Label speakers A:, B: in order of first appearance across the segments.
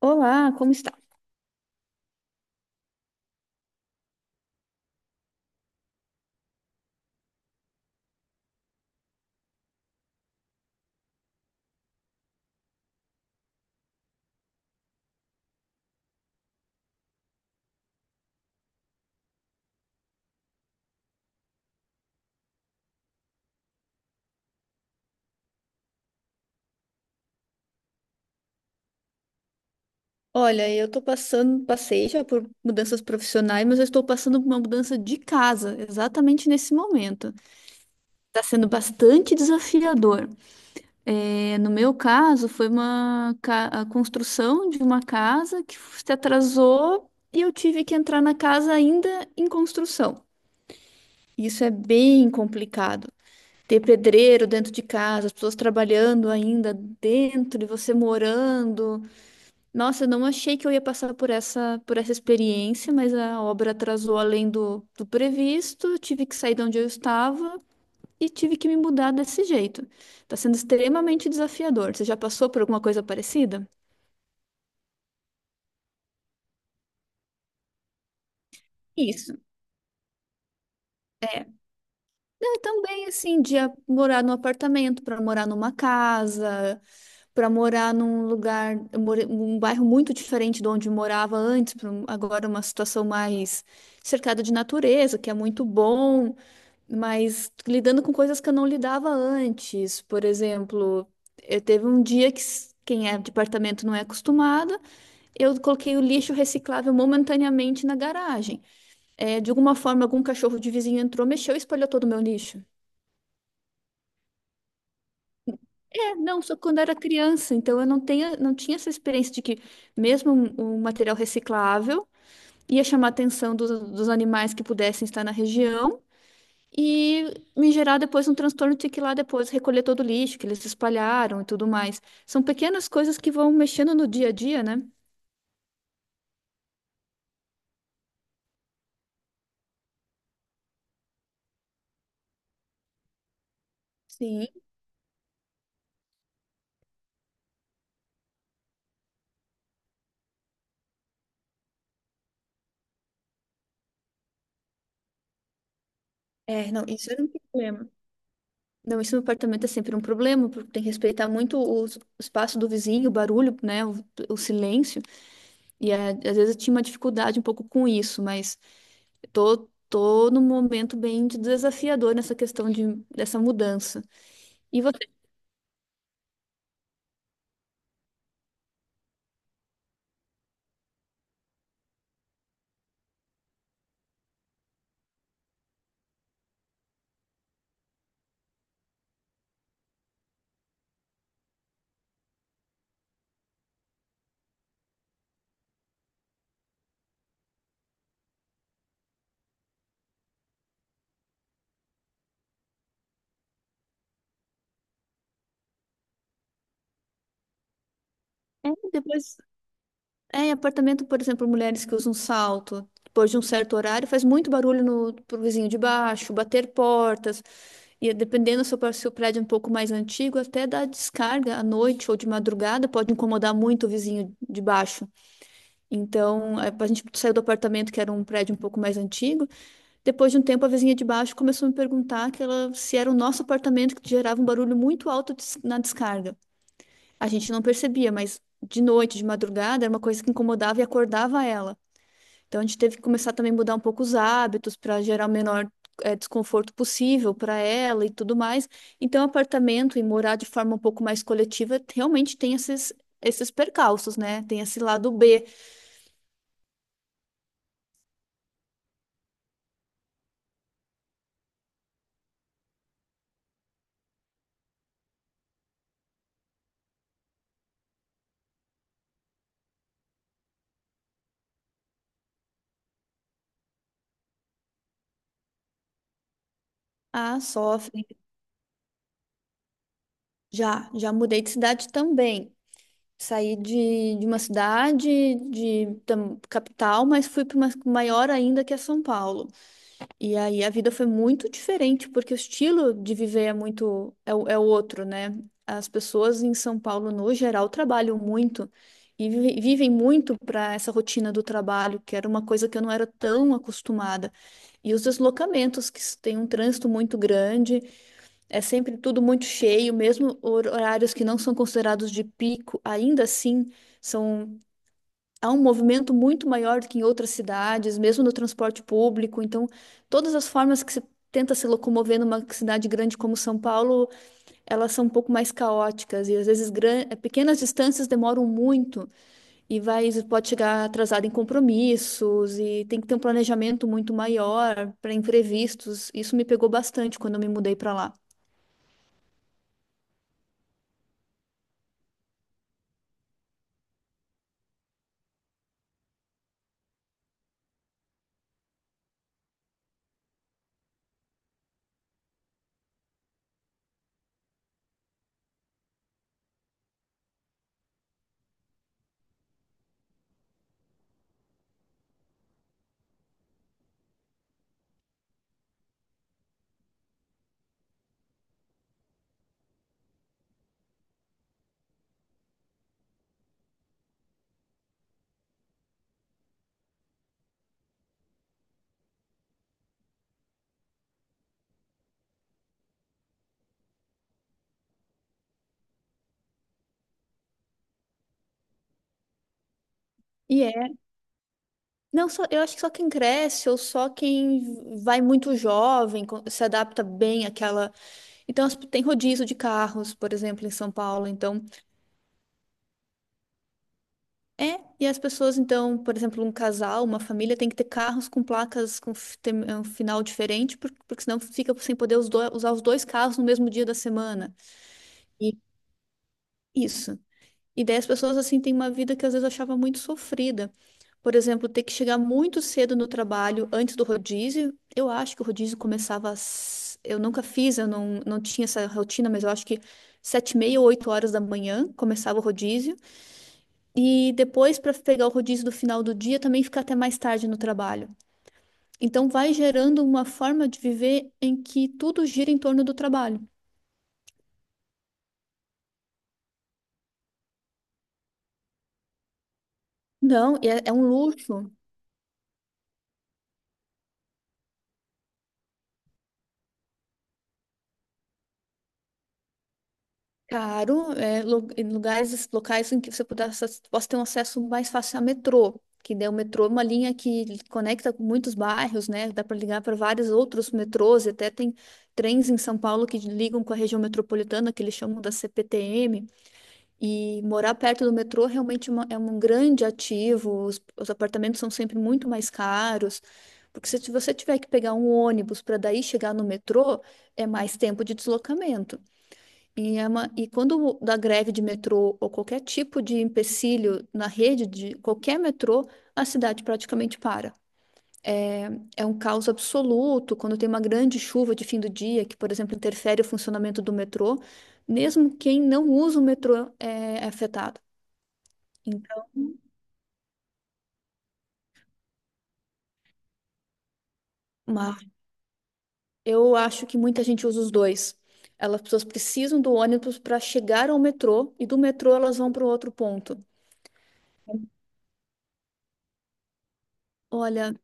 A: Olá, como está? Olha, eu tô passando, passei já por mudanças profissionais, mas eu estou passando por uma mudança de casa, exatamente nesse momento. Está sendo bastante desafiador. É, no meu caso, foi a construção de uma casa que se atrasou e eu tive que entrar na casa ainda em construção. Isso é bem complicado. Ter pedreiro dentro de casa, as pessoas trabalhando ainda dentro e você morando. Nossa, eu não achei que eu ia passar por essa experiência, mas a obra atrasou além do previsto, eu tive que sair de onde eu estava e tive que me mudar desse jeito. Tá sendo extremamente desafiador. Você já passou por alguma coisa parecida? Isso, é. Não, também, assim, de morar num apartamento, para morar numa casa, para morar num lugar, um bairro muito diferente de onde eu morava antes, agora uma situação mais cercada de natureza, que é muito bom. Mas lidando com coisas que eu não lidava antes. Por exemplo, eu teve um dia que quem é de apartamento não é acostumado, eu coloquei o lixo reciclável momentaneamente na garagem. É, de alguma forma, algum cachorro de vizinho entrou, mexeu e espalhou todo o meu lixo. É, não, só quando era criança, então eu não tenho, não tinha essa experiência de que mesmo um material reciclável ia chamar a atenção dos animais que pudessem estar na região e me gerar depois um transtorno de ter que ir lá depois recolher todo o lixo que eles espalharam e tudo mais. São pequenas coisas que vão mexendo no dia a dia, né? Sim, é, não, isso era um problema. Não, isso no apartamento é sempre um problema, porque tem que respeitar muito o espaço do vizinho, o barulho, né, o silêncio. E é, às vezes eu tinha uma dificuldade um pouco com isso, mas tô num momento bem desafiador nessa questão de, dessa mudança. E você? é, depois Em apartamento, por exemplo, mulheres que usam salto, depois de um certo horário, faz muito barulho no, pro vizinho de baixo, bater portas. E dependendo se se o prédio é um pouco mais antigo, até dá descarga à noite ou de madrugada, pode incomodar muito o vizinho de baixo. Então, a gente saiu do apartamento, que era um prédio um pouco mais antigo. Depois de um tempo, a vizinha de baixo começou a me perguntar que ela, se era o nosso apartamento que gerava um barulho muito alto na descarga. A gente não percebia, mas de noite, de madrugada, era uma coisa que incomodava e acordava ela. Então a gente teve que começar também a mudar um pouco os hábitos para gerar o menor desconforto possível para ela e tudo mais. Então, apartamento e morar de forma um pouco mais coletiva realmente tem esses percalços, né? Tem esse lado B. Ah, sofre. Já, já mudei de cidade também. Saí de uma cidade, capital, mas fui para uma maior ainda que é São Paulo. E aí a vida foi muito diferente, porque o estilo de viver é muito, é o outro, né? As pessoas em São Paulo, no geral, trabalham muito e vivem muito para essa rotina do trabalho, que era uma coisa que eu não era tão acostumada. E os deslocamentos, que tem um trânsito muito grande, é sempre tudo muito cheio, mesmo horários que não são considerados de pico, ainda assim são há um movimento muito maior do que em outras cidades, mesmo no transporte público. Então, todas as formas que se tenta se locomover numa cidade grande como São Paulo, elas são um pouco mais caóticas e às vezes pequenas distâncias demoram muito e vai pode chegar atrasado em compromissos e tem que ter um planejamento muito maior para imprevistos. Isso me pegou bastante quando eu me mudei para lá. E é. Não, só, eu acho que só quem cresce ou só quem vai muito jovem se adapta bem àquela. Então, tem rodízio de carros, por exemplo, em São Paulo. Então, é. E as pessoas, então, por exemplo, um casal, uma família tem que ter carros com placas com um final diferente, porque senão fica sem poder usar os dois carros no mesmo dia da semana. E isso. E daí as pessoas, assim, têm uma vida que às vezes eu achava muito sofrida. Por exemplo, ter que chegar muito cedo no trabalho antes do rodízio. Eu acho que o rodízio começava às... Eu nunca fiz, eu não tinha essa rotina, mas eu acho que 7:30 ou 8 horas da manhã começava o rodízio. E depois, para pegar o rodízio do final do dia, também fica até mais tarde no trabalho. Então, vai gerando uma forma de viver em que tudo gira em torno do trabalho. Não, e é, é um luxo caro, é, em lugares, locais em que você puder, possa ter um acesso mais fácil a metrô, que daí o metrô é uma linha que conecta com muitos bairros, né? Dá para ligar para vários outros metrôs, e até tem trens em São Paulo que ligam com a região metropolitana, que eles chamam da CPTM. E morar perto do metrô realmente é um grande ativo. Os apartamentos são sempre muito mais caros, porque se você tiver que pegar um ônibus para daí chegar no metrô, é mais tempo de deslocamento. E quando dá greve de metrô ou qualquer tipo de empecilho na rede de qualquer metrô, a cidade praticamente para. É, é um caos absoluto quando tem uma grande chuva de fim do dia, que, por exemplo, interfere o funcionamento do metrô. Mesmo quem não usa o metrô é afetado. Então, uma- eu acho que muita gente usa os dois. Elas, as pessoas precisam do ônibus para chegar ao metrô e do metrô elas vão para o outro ponto. Olha,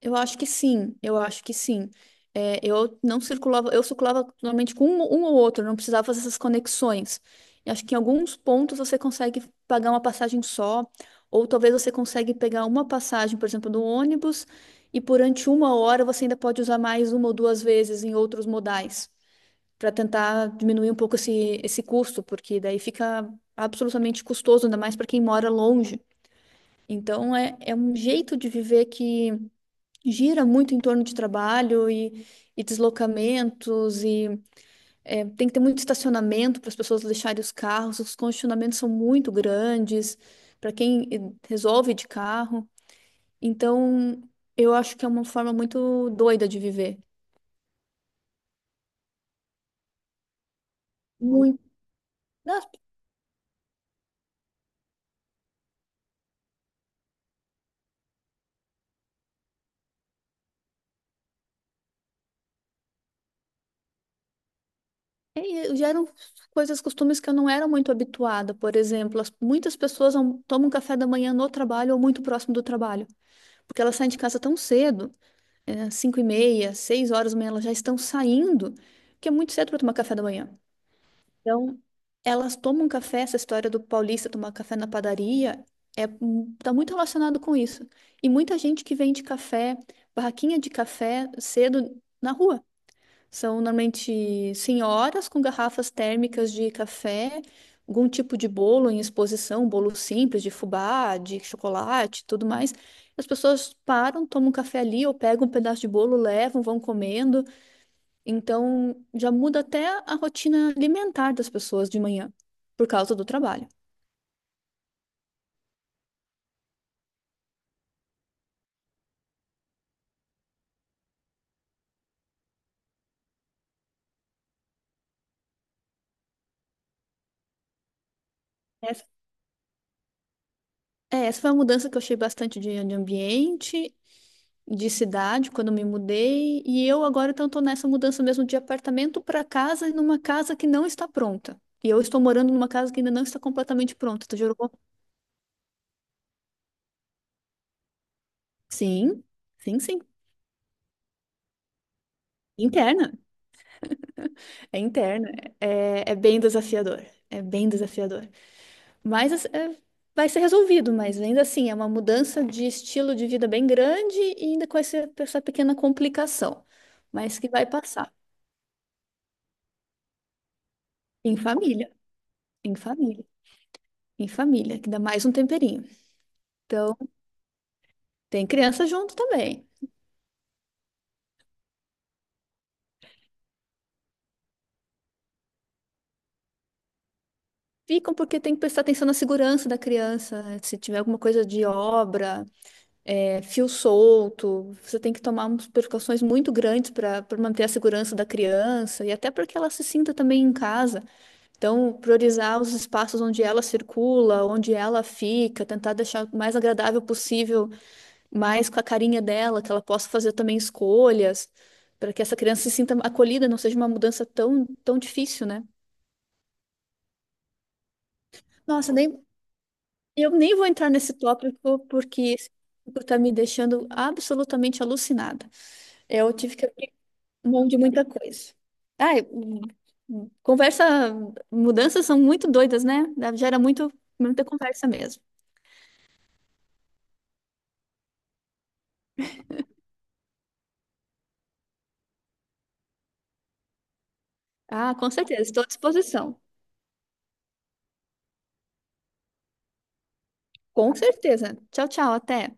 A: eu acho que sim, eu acho que sim. É, eu não circulava, eu circulava normalmente com um ou outro, não precisava fazer essas conexões. E acho que em alguns pontos você consegue pagar uma passagem só, ou talvez você consegue pegar uma passagem, por exemplo, do ônibus, e durante uma hora você ainda pode usar mais uma ou duas vezes em outros modais. Para tentar diminuir um pouco esse custo, porque daí fica absolutamente custoso, ainda mais para quem mora longe. Então, é, é um jeito de viver que gira muito em torno de trabalho e deslocamentos, e é, tem que ter muito estacionamento para as pessoas deixarem os carros, os congestionamentos são muito grandes para quem resolve de carro. Então, eu acho que é uma forma muito doida de viver. Muito. É, e já eram coisas, costumes que eu não era muito habituada. Por exemplo, muitas pessoas não tomam café da manhã no trabalho ou muito próximo do trabalho, porque elas saem de casa tão cedo, é, 5:30, 6 horas da manhã, elas já estão saindo, que é muito cedo para tomar café da manhã. Então, elas tomam café, essa história do paulista tomar café na padaria é tá muito relacionado com isso. E muita gente que vende café, barraquinha de café cedo na rua. São normalmente senhoras com garrafas térmicas de café, algum tipo de bolo em exposição, bolo simples de fubá, de chocolate, tudo mais. As pessoas param, tomam um café ali ou pegam um pedaço de bolo, levam, vão comendo. Então já muda até a rotina alimentar das pessoas de manhã, por causa do trabalho. Essa, essa foi uma mudança que eu achei bastante de ambiente de cidade quando me mudei e eu agora então estou nessa mudança mesmo de apartamento para casa e numa casa que não está pronta. E eu estou morando numa casa que ainda não está completamente pronta. Tu já jogou? Sim, sim, sim. Interna. É interna. É, é bem desafiador. É bem desafiador. Mas assim, vai ser resolvido, mas ainda assim é uma mudança de estilo de vida bem grande e ainda com essa pequena complicação. Mas que vai passar. Em família. Em família. Em família, que dá mais um temperinho. Então, tem criança junto também. Ficam porque tem que prestar atenção na segurança da criança, né? Se tiver alguma coisa de obra, é, fio solto, você tem que tomar umas precauções muito grandes para manter a segurança da criança e até para que ela se sinta também em casa. Então, priorizar os espaços onde ela circula, onde ela fica, tentar deixar o mais agradável possível, mais com a carinha dela, que ela possa fazer também escolhas, para que essa criança se sinta acolhida, não seja uma mudança tão, tão difícil, né? Nossa, nem Eu nem vou entrar nesse tópico porque esse tópico tá me deixando absolutamente alucinada. Eu tive que abrir mão de muita coisa. Ai, conversa, mudanças são muito doidas, né? Gera muito, muita conversa mesmo. Ah, com certeza, estou à disposição. Com certeza. Tchau, tchau, até.